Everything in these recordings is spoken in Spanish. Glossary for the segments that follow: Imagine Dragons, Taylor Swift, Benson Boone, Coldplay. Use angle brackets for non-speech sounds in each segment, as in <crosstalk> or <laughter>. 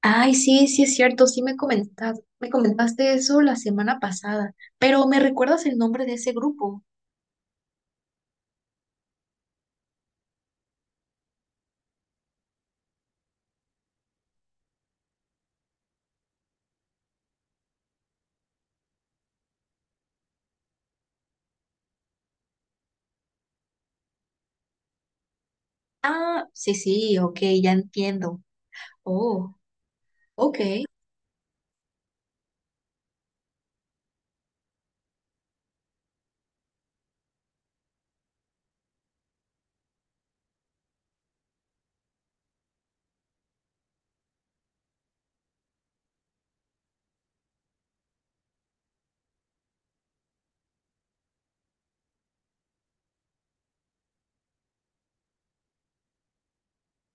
Ay, sí, sí es cierto, sí me comentaste eso la semana pasada, pero ¿me recuerdas el nombre de ese grupo? Ah, sí, sí, ok, ya entiendo. Oh, ok.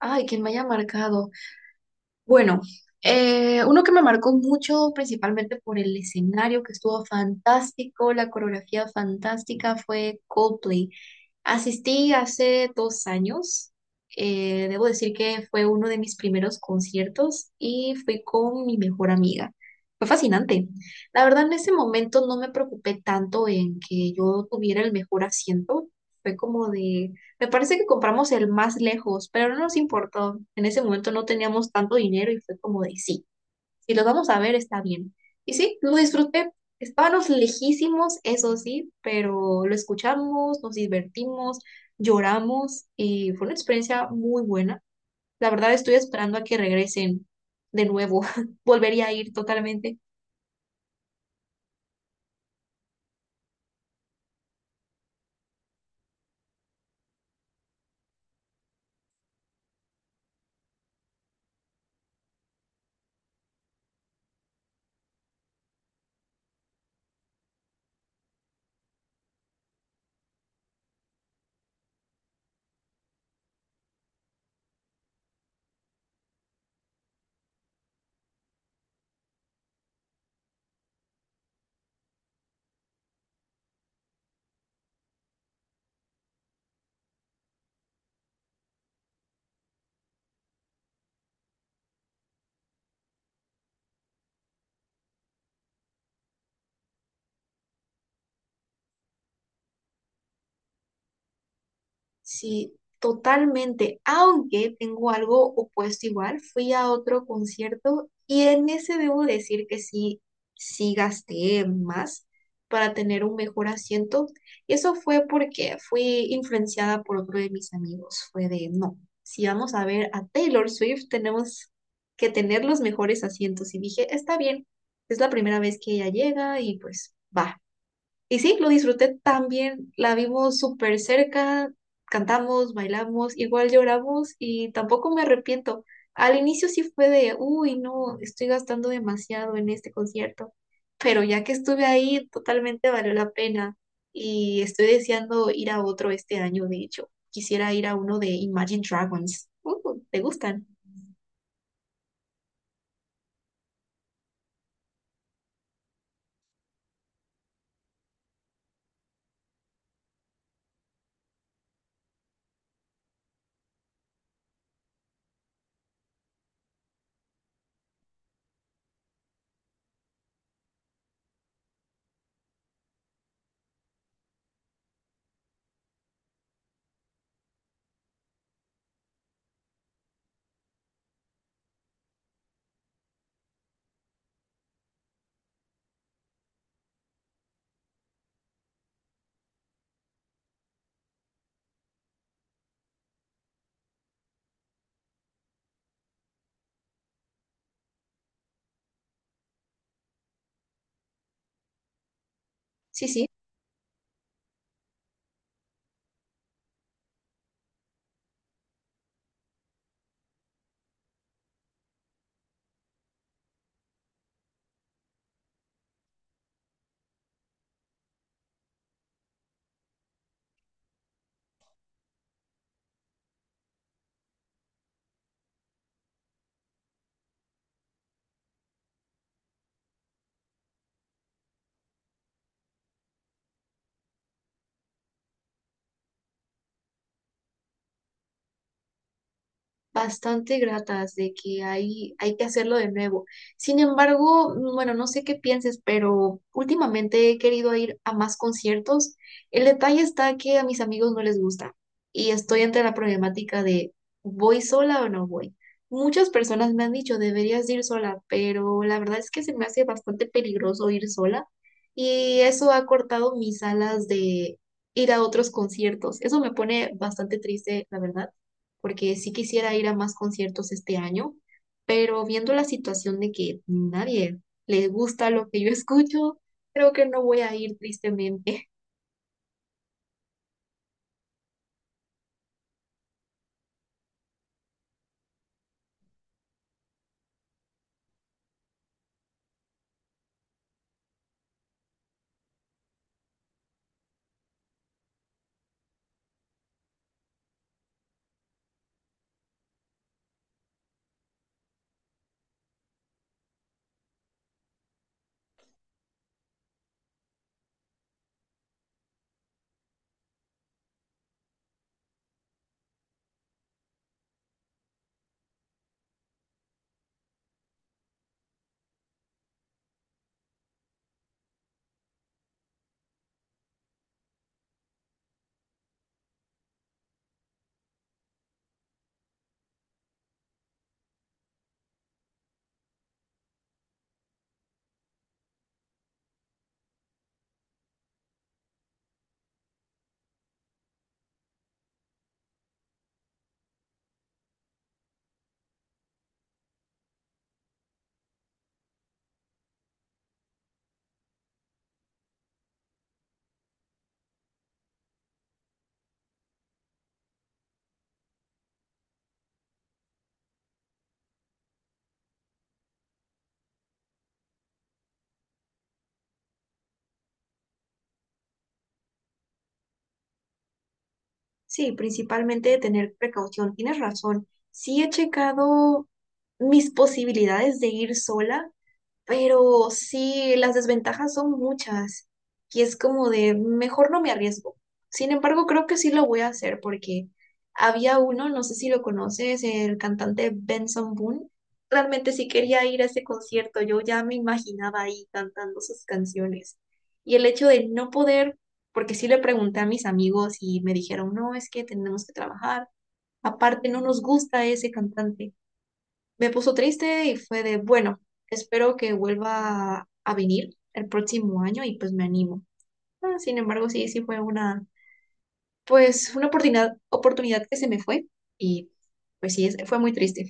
Ay, que me haya marcado. Bueno, uno que me marcó mucho, principalmente por el escenario que estuvo fantástico, la coreografía fantástica, fue Coldplay. Asistí hace 2 años. Debo decir que fue uno de mis primeros conciertos y fui con mi mejor amiga. Fue fascinante. La verdad, en ese momento no me preocupé tanto en que yo tuviera el mejor asiento. Fue como de, me parece que compramos el más lejos, pero no nos importó. En ese momento no teníamos tanto dinero y fue como de sí. Si los vamos a ver, está bien. Y sí, lo disfruté. Estábamos lejísimos, eso sí, pero lo escuchamos, nos divertimos, lloramos y fue una experiencia muy buena. La verdad, estoy esperando a que regresen de nuevo. <laughs> Volvería a ir totalmente. Sí, totalmente. Aunque tengo algo opuesto igual, fui a otro concierto y en ese debo decir que sí, sí gasté más para tener un mejor asiento. Y eso fue porque fui influenciada por otro de mis amigos. Fue de, no, si vamos a ver a Taylor Swift, tenemos que tener los mejores asientos. Y dije, está bien, es la primera vez que ella llega y pues va. Y sí, lo disfruté también, la vimos súper cerca, cantamos, bailamos, igual lloramos y tampoco me arrepiento. Al inicio sí fue de, uy, no, estoy gastando demasiado en este concierto, pero ya que estuve ahí, totalmente valió la pena y estoy deseando ir a otro este año, de hecho. Quisiera ir a uno de Imagine Dragons. ¿Te gustan? Sí, sí, bastante gratas, de que hay que hacerlo de nuevo. Sin embargo, bueno, no sé qué pienses, pero últimamente he querido ir a más conciertos. El detalle está que a mis amigos no les gusta y estoy ante la problemática de ¿voy sola o no voy? Muchas personas me han dicho, deberías de ir sola, pero la verdad es que se me hace bastante peligroso ir sola y eso ha cortado mis alas de ir a otros conciertos. Eso me pone bastante triste, la verdad, porque sí quisiera ir a más conciertos este año, pero viendo la situación de que nadie le gusta lo que yo <laughs> escucho, creo que no voy a ir, tristemente. Sí, principalmente de tener precaución. Tienes razón. Sí he checado mis posibilidades de ir sola. Pero sí, las desventajas son muchas y es como de mejor no me arriesgo. Sin embargo, creo que sí lo voy a hacer porque había uno, no sé si lo conoces, el cantante Benson Boone. Realmente sí quería ir a ese concierto, yo ya me imaginaba ahí cantando sus canciones. Y el hecho de no poder, porque sí le pregunté a mis amigos y me dijeron, no, es que tenemos que trabajar. Aparte, no nos gusta ese cantante. Me puso triste y fue de, bueno, espero que vuelva a venir el próximo año y pues me animo. Ah, sin embargo, sí, sí fue una, pues una oportunidad, oportunidad que se me fue y pues sí, es- fue muy triste.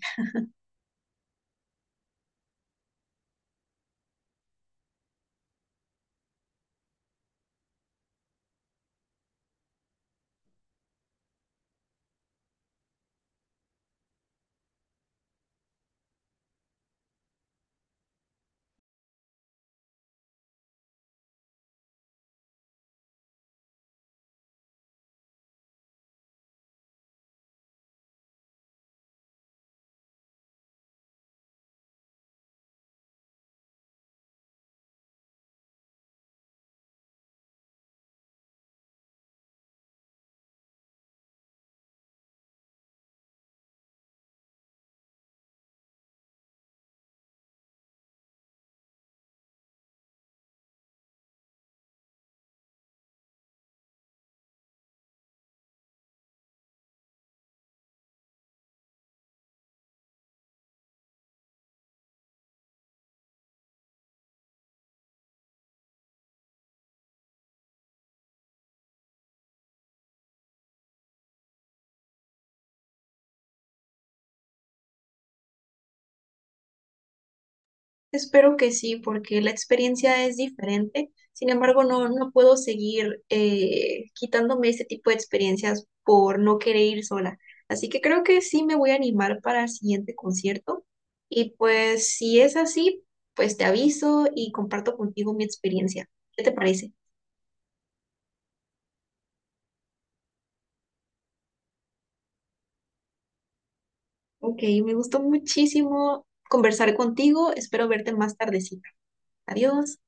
Espero que sí, porque la experiencia es diferente. Sin embargo, no, no puedo seguir quitándome este tipo de experiencias por no querer ir sola. Así que creo que sí me voy a animar para el siguiente concierto. Y pues si es así, pues te aviso y comparto contigo mi experiencia. ¿Qué te parece? Ok, me gustó muchísimo conversar contigo. Espero verte más tardecita. Adiós.